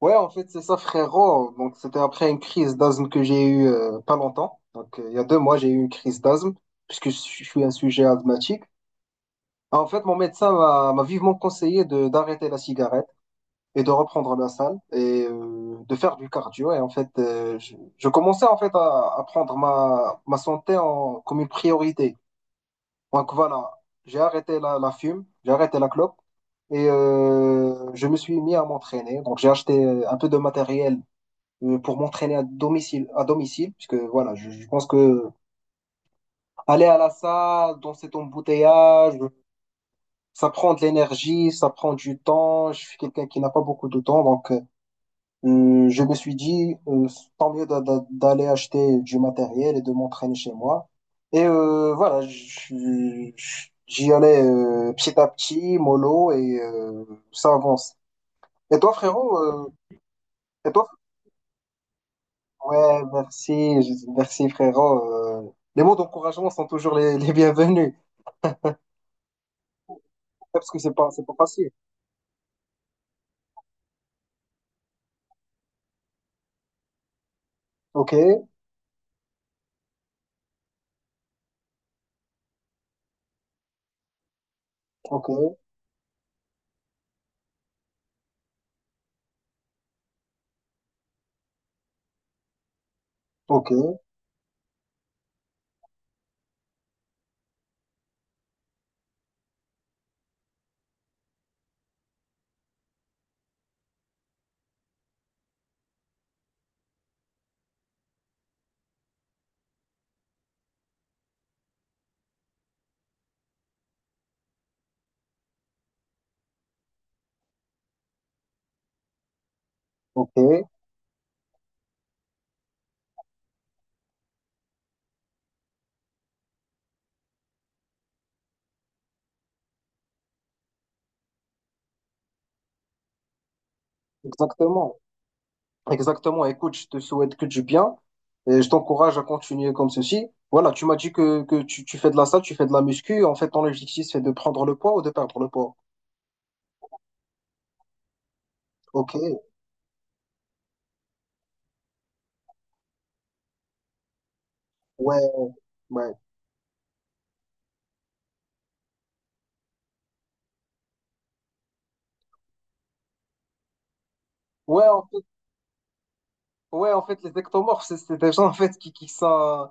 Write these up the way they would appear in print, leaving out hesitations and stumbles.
Ouais, en fait, c'est ça, frérot. Donc, c'était après une crise d'asthme que j'ai eue pas longtemps. Donc, il y a 2 mois, j'ai eu une crise d'asthme, puisque je suis un sujet asthmatique. En fait, mon médecin m'a vivement conseillé de d'arrêter la cigarette et de reprendre la salle et de faire du cardio. Et en fait, je commençais en fait à prendre ma santé en, comme une priorité. Donc, voilà, j'ai arrêté la fume, j'ai arrêté la clope. Et je me suis mis à m'entraîner. Donc, j'ai acheté un peu de matériel pour m'entraîner à domicile, puisque voilà, je pense que aller à la salle dans cet embouteillage, ça prend de l'énergie, ça prend du temps. Je suis quelqu'un qui n'a pas beaucoup de temps, donc je me suis dit tant mieux d'aller acheter du matériel et de m'entraîner chez moi. Et voilà, j'y allais petit à petit, mollo, et ça avance. Et toi, frérot, et toi, ouais, merci, merci frérot. Les mots d'encouragement sont toujours les bienvenus, ouais, parce que c'est pas facile. Ok, ok, ok, ok, exactement, exactement. Écoute, je te souhaite que du bien et je t'encourage à continuer comme ceci. Voilà, tu m'as dit que tu fais de la salle, tu fais de la muscu. En fait, ton objectif, c'est de prendre le poids ou de perdre le poids. Ok, ouais, ouais. Ouais, en fait, ouais, en fait, les ectomorphes, c'est des gens, en fait, qui sont,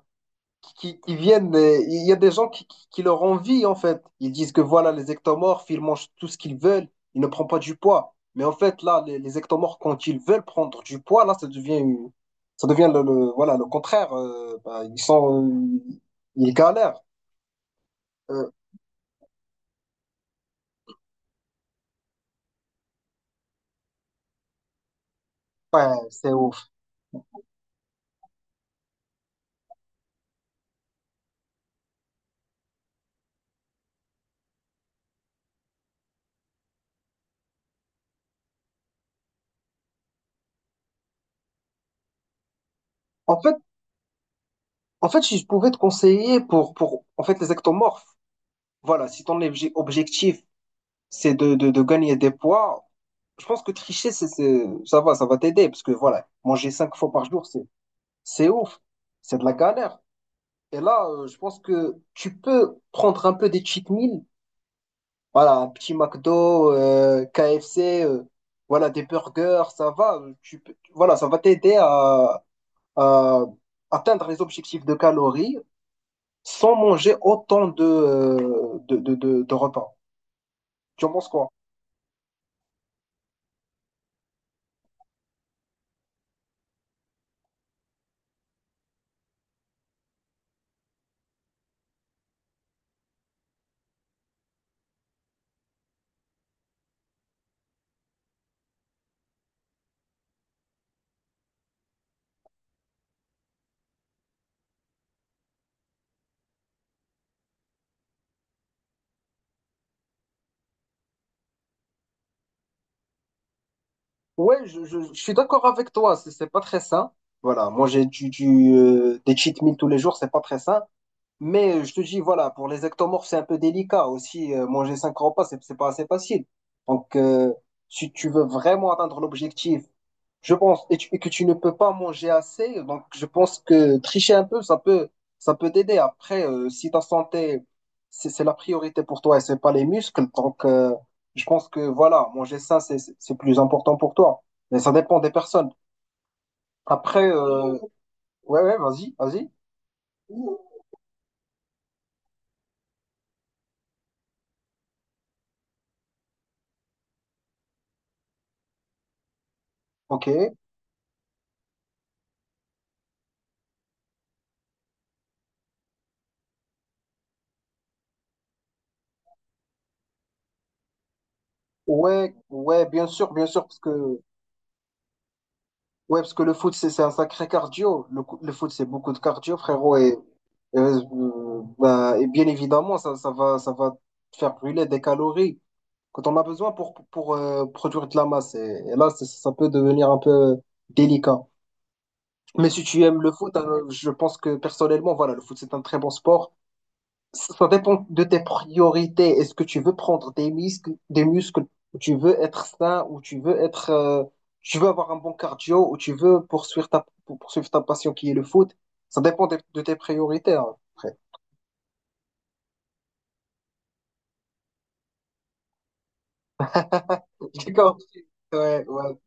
qui viennent, il y a des gens qui leur envient en fait. Ils disent que voilà, les ectomorphes, ils mangent tout ce qu'ils veulent, ils ne prennent pas du poids. Mais en fait, là, les ectomorphes, quand ils veulent prendre du poids, là, ça devient voilà, le contraire. Ils sont, ils galèrent. Euh, c'est ouf. En fait, en fait, si je pouvais te conseiller pour en fait, les ectomorphes, voilà, si ton objectif, c'est de gagner des poids. Je pense que tricher, ça va t'aider, parce que voilà, manger 5 fois par jour, c'est ouf, c'est de la galère. Et là, je pense que tu peux prendre un peu des cheat meals, voilà, un petit McDo, KFC, voilà, des burgers, ça va, tu peux, voilà, ça va t'aider à atteindre les objectifs de calories sans manger autant de repas. Tu en penses quoi? Ouais, je suis d'accord avec toi, c'est pas très sain. Voilà, manger des cheat meals tous les jours, c'est pas très sain. Mais je te dis, voilà, pour les ectomorphes, c'est un peu délicat aussi. Manger 5 repas, c'est pas assez facile. Donc, si tu veux vraiment atteindre l'objectif je pense, et que tu ne peux pas manger assez, donc je pense que tricher un peu, ça peut t'aider. Après, si ta santé, c'est la priorité pour toi et c'est pas les muscles, donc je pense que voilà, manger sain, c'est plus important pour toi. Mais ça dépend des personnes. Après, ouais, ouais, vas-y, vas-y. Ok. Ouais, ouais, bien sûr, parce que ouais, parce que le foot, c'est un sacré cardio. Le, le foot, c'est beaucoup de cardio, frérot, et et bien évidemment, ça va te faire brûler des calories quand on a besoin pour, produire de la masse. Et là, ça peut devenir un peu délicat. Mais si tu aimes le foot, je pense que personnellement, voilà, le foot, c'est un très bon sport. Ça dépend de tes priorités. Est-ce que tu veux prendre des muscles, ou tu veux être sain, ou tu veux être, tu veux avoir un bon cardio, ou tu veux poursuivre poursuivre ta passion qui est le foot. Ça dépend de tes priorités. Hein. D'accord. Ouais, ouais.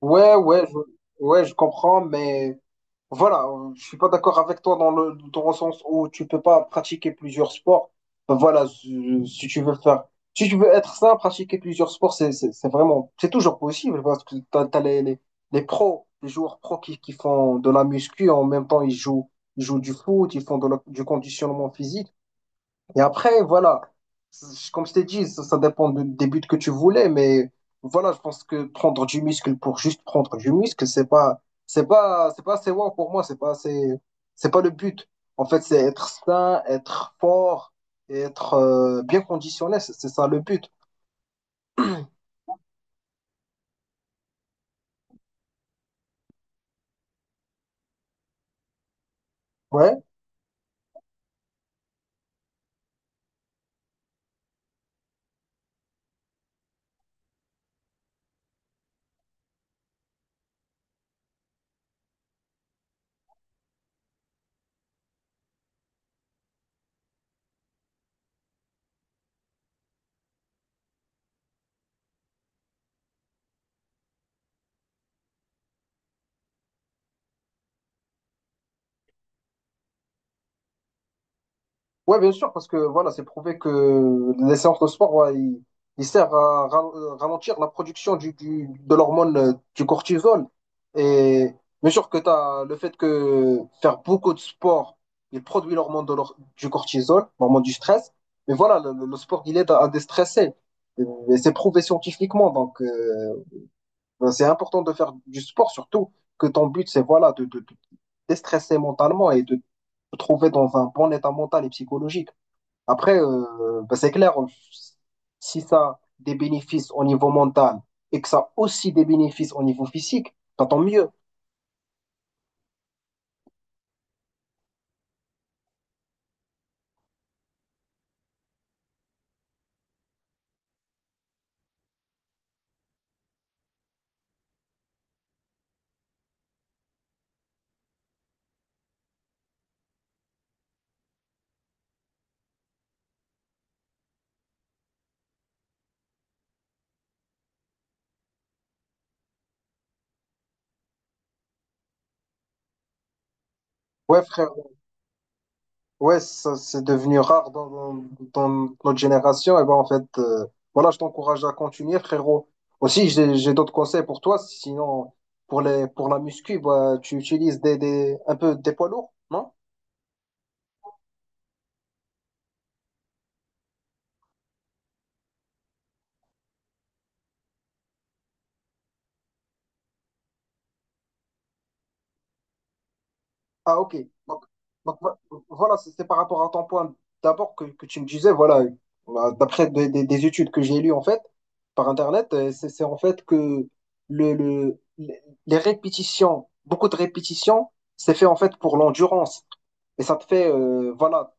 Ouais, ouais, ouais, je comprends, mais voilà, je suis pas d'accord avec toi dans dans le sens où tu peux pas pratiquer plusieurs sports. Ben voilà, si tu veux faire, si tu veux être sain, pratiquer plusieurs sports, c'est vraiment, c'est toujours possible parce que t'as les pros, les joueurs pros qui font de la muscu, en même temps, ils jouent du foot, ils font du conditionnement physique. Et après, voilà, comme je t'ai dit, ça dépend des buts que tu voulais, mais voilà, je pense que prendre du muscle pour juste prendre du muscle, c'est pas assez wow pour moi, c'est pas assez, c'est pas le but. En fait, c'est être sain, être fort, et être bien conditionné, c'est ça le but. Ouais, ouais, bien sûr, parce que voilà, c'est prouvé que les séances de sport, ouais, ils servent à ralentir la production de l'hormone du cortisol. Et bien sûr que t'as le fait que faire beaucoup de sport, il produit l'hormone du cortisol, l'hormone du stress. Mais voilà, le sport, il aide à déstresser. Et c'est prouvé scientifiquement. Donc, ben, c'est important de faire du sport, surtout que ton but, c'est voilà, de déstresser mentalement et de te trouver dans un bon état mental et psychologique. Après, c'est clair, si ça a des bénéfices au niveau mental et que ça a aussi des bénéfices au niveau physique, bah, tant mieux. Ouais, frère. Ouais, ça, c'est devenu rare dans, dans, dans notre génération. Et ben en fait, voilà, je t'encourage à continuer, frérot. Aussi, j'ai d'autres conseils pour toi. Sinon, pour les, pour la muscu, bah, tu utilises un peu des poids lourds, non? Ah, ok. Donc, donc, voilà, c'est par rapport à ton point d'abord que tu me disais, voilà, bah, d'après des études que j'ai lues en fait par Internet, c'est en fait que le, les répétitions, beaucoup de répétitions, c'est fait en fait pour l'endurance. Et ça te fait, voilà,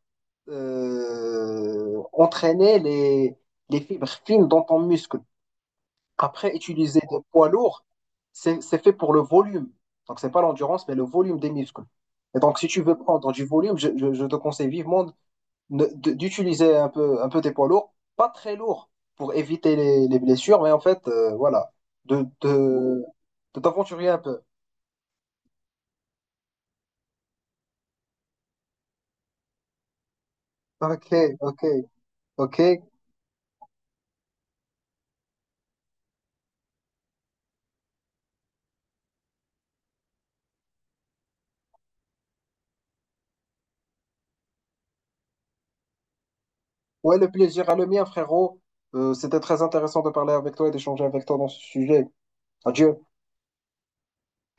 entraîner les fibres fines dans ton muscle. Après, utiliser des poids lourds, c'est fait pour le volume. Donc, c'est pas l'endurance, mais le volume des muscles. Et donc, si tu veux prendre du volume, je te conseille vivement d'utiliser un peu des poids lourds, pas très lourds, pour éviter les blessures, mais en fait, voilà, de, de, de t'aventurer un peu. Ok, ok, ok. Ouais, le plaisir à le mien, frérot. C'était très intéressant de parler avec toi et d'échanger avec toi dans ce sujet. Adieu.